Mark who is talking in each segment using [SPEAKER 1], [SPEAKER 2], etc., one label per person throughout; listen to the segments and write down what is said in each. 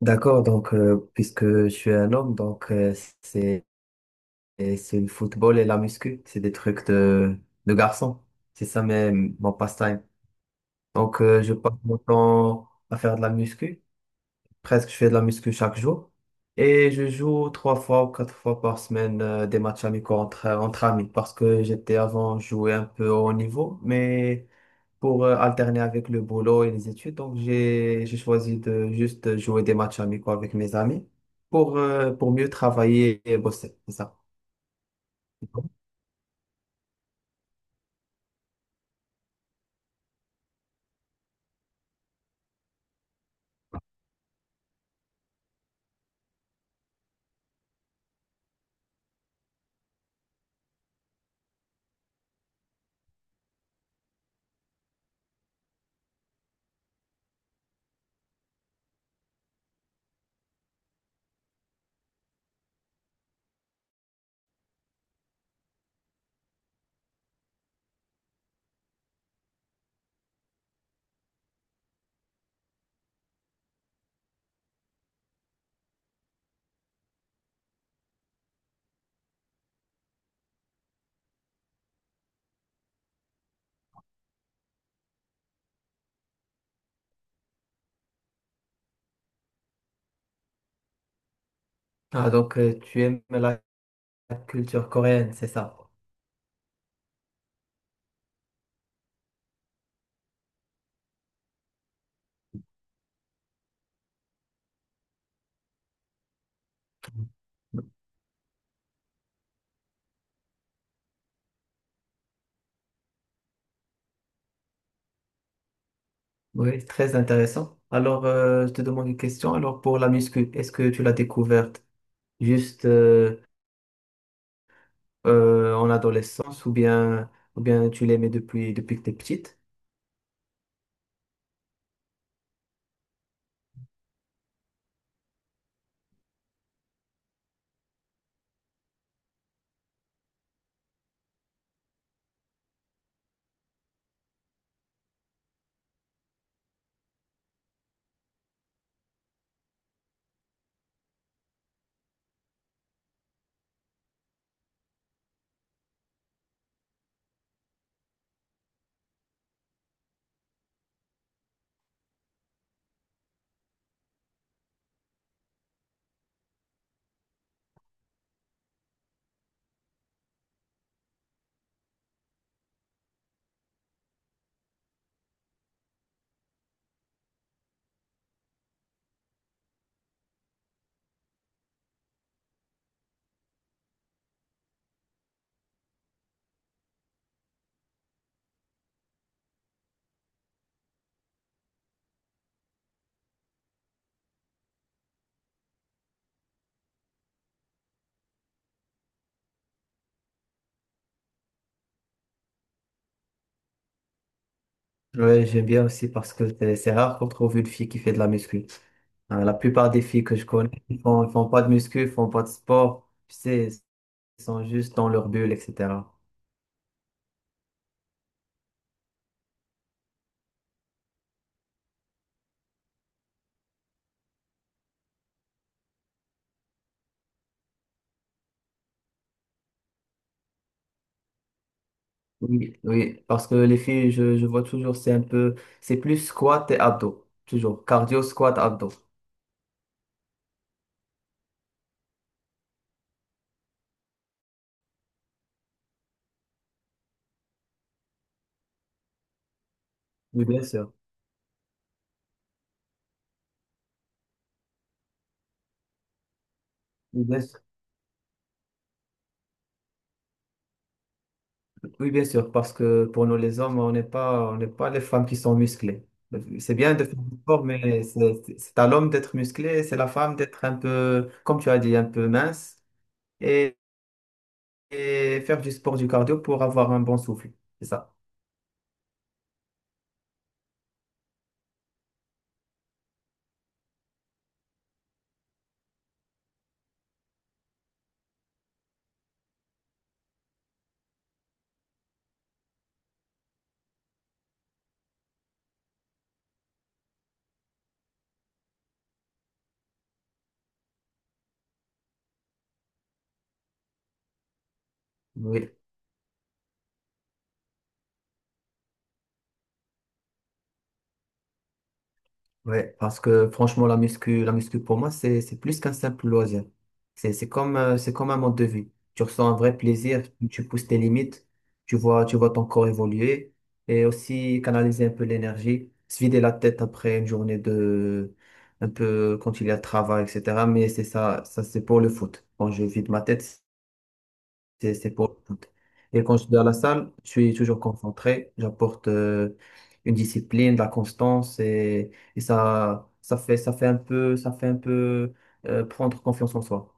[SPEAKER 1] D'accord, puisque je suis un homme, c'est et c'est le football et la muscu, c'est des trucs de garçon. C'est ça mes- mon passe-temps. Donc je passe mon temps à faire de la muscu, presque je fais de la muscu chaque jour. Et je joue trois fois ou quatre fois par semaine des matchs amicaux entre amis parce que j'étais avant joué un peu au haut niveau, mais pour alterner avec le boulot et les études. Donc, j'ai choisi de juste jouer des matchs amicaux avec mes amis pour mieux travailler et bosser. C'est ça. Ah, donc, tu aimes la culture coréenne, c'est ça? Oui, très intéressant. Alors, je te demande une question. Alors, pour la muscu, est-ce que tu l'as découverte juste en adolescence ou ou bien tu l'aimais depuis que t'es petite? Ouais, j'aime bien aussi parce que c'est rare qu'on trouve une fille qui fait de la muscu. Hein, la plupart des filles que je connais, ils font pas de muscu, ils font pas de sport. Tu sais, ils sont juste dans leur bulle, etc. Oui, oui, parce que les filles, je vois toujours, c'est plus squat et abdos, toujours, cardio, squat, abdos. Oui, bien sûr. Oui, bien sûr. Oui, bien sûr, parce que pour nous les hommes, on n'est pas les femmes qui sont musclées. C'est bien de faire du sport, mais à l'homme d'être musclé, c'est la femme d'être un peu, comme tu as dit, un peu mince et, et faire du sport, du cardio pour avoir un bon souffle. C'est ça. Oui. Ouais, parce que franchement, la muscu pour moi, c'est plus qu'un simple loisir. C'est comme un mode de vie. Tu ressens un vrai plaisir, tu pousses tes limites, tu vois ton corps évoluer et aussi canaliser un peu l'énergie, se vider la tête après une journée un peu quand il y a travail, etc. Mais c'est ça, ça c'est pour le foot. Quand je vide ma tête, c'est pour tout. Et quand je suis dans la salle, je suis toujours concentré, j'apporte une discipline, de la constance et ça, ça fait un peu prendre confiance en soi.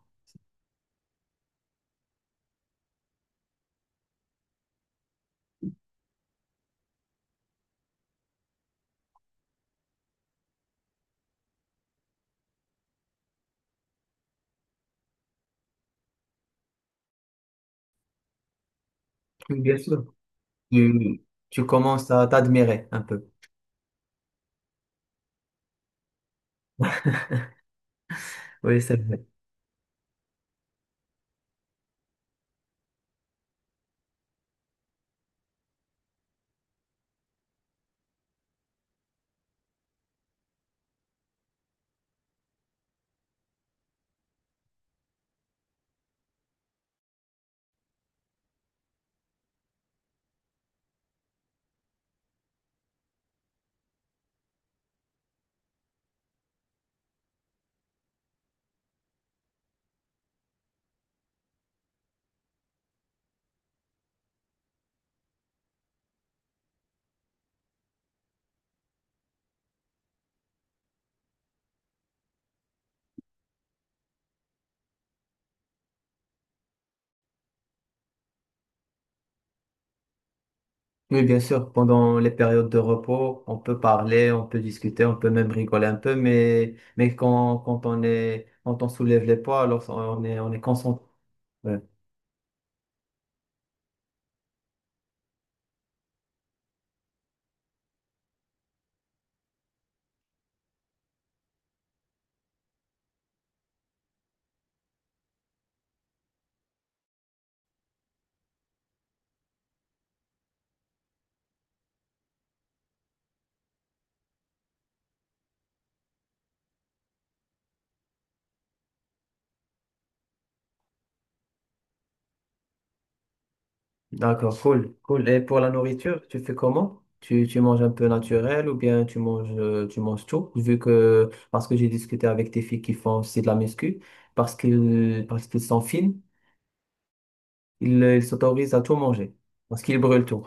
[SPEAKER 1] Oui, bien sûr. Tu, tu commences à t'admirer un peu. Oui, c'est vrai. Oui, bien sûr, pendant les périodes de repos, on peut parler, on peut discuter, on peut même rigoler un peu, mais quand on soulève les poids, alors on est concentré. D'accord, cool, cool. Et pour la nourriture, tu fais comment? Tu manges un peu naturel ou bien tu manges tout? Parce que j'ai discuté avec des filles qui font aussi de la muscu, parce qu'ils sont fines, ils s'autorisent à tout manger, parce qu'ils brûlent tout.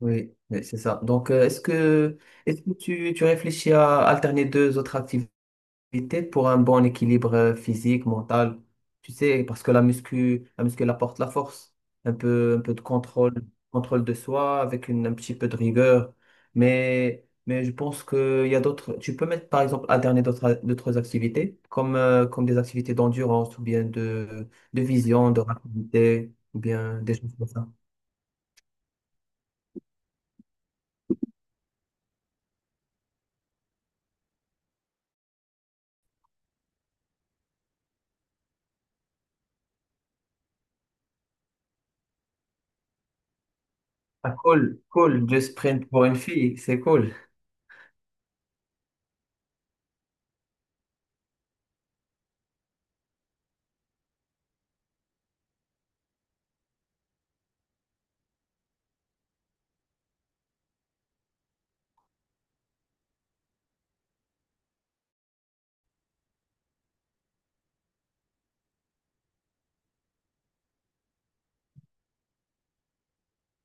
[SPEAKER 1] Oui, oui, c'est ça. Donc, est-ce que tu réfléchis à alterner deux autres activités? Activité pour un bon équilibre physique, mental. Tu sais, parce que la muscu elle apporte la force, un peu de contrôle, contrôle de soi avec un petit peu de rigueur. Mais je pense qu'il y a d'autres. Tu peux mettre par exemple à dernier d'autres activités, comme des activités d'endurance ou bien de vision, de rapidité, ou bien des choses comme ça. Ah, cool, cool, du sprint pour une fille, c'est cool.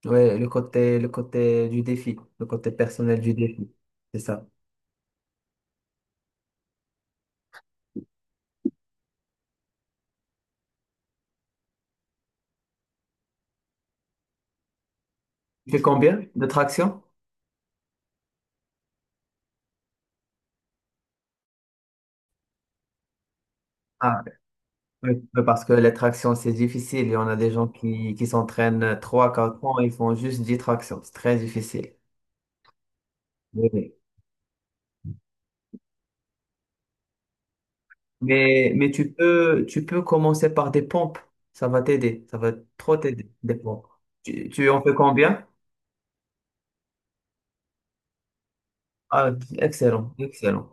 [SPEAKER 1] Ouais, le côté du défi, le côté personnel du défi, c'est ça. C'est combien de tractions? Ah, oui, oui, parce que les tractions, c'est difficile. Il y en a des gens qui s'entraînent trois quatre ans, ils font juste 10 tractions. C'est très difficile. Oui, oui. Mais tu peux commencer par des pompes. Ça va t'aider. Ça va trop t'aider, des pompes. Tu en fais combien? Ah, excellent, excellent.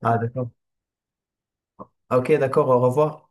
[SPEAKER 1] Ah, d'accord. Ok, d'accord, au revoir.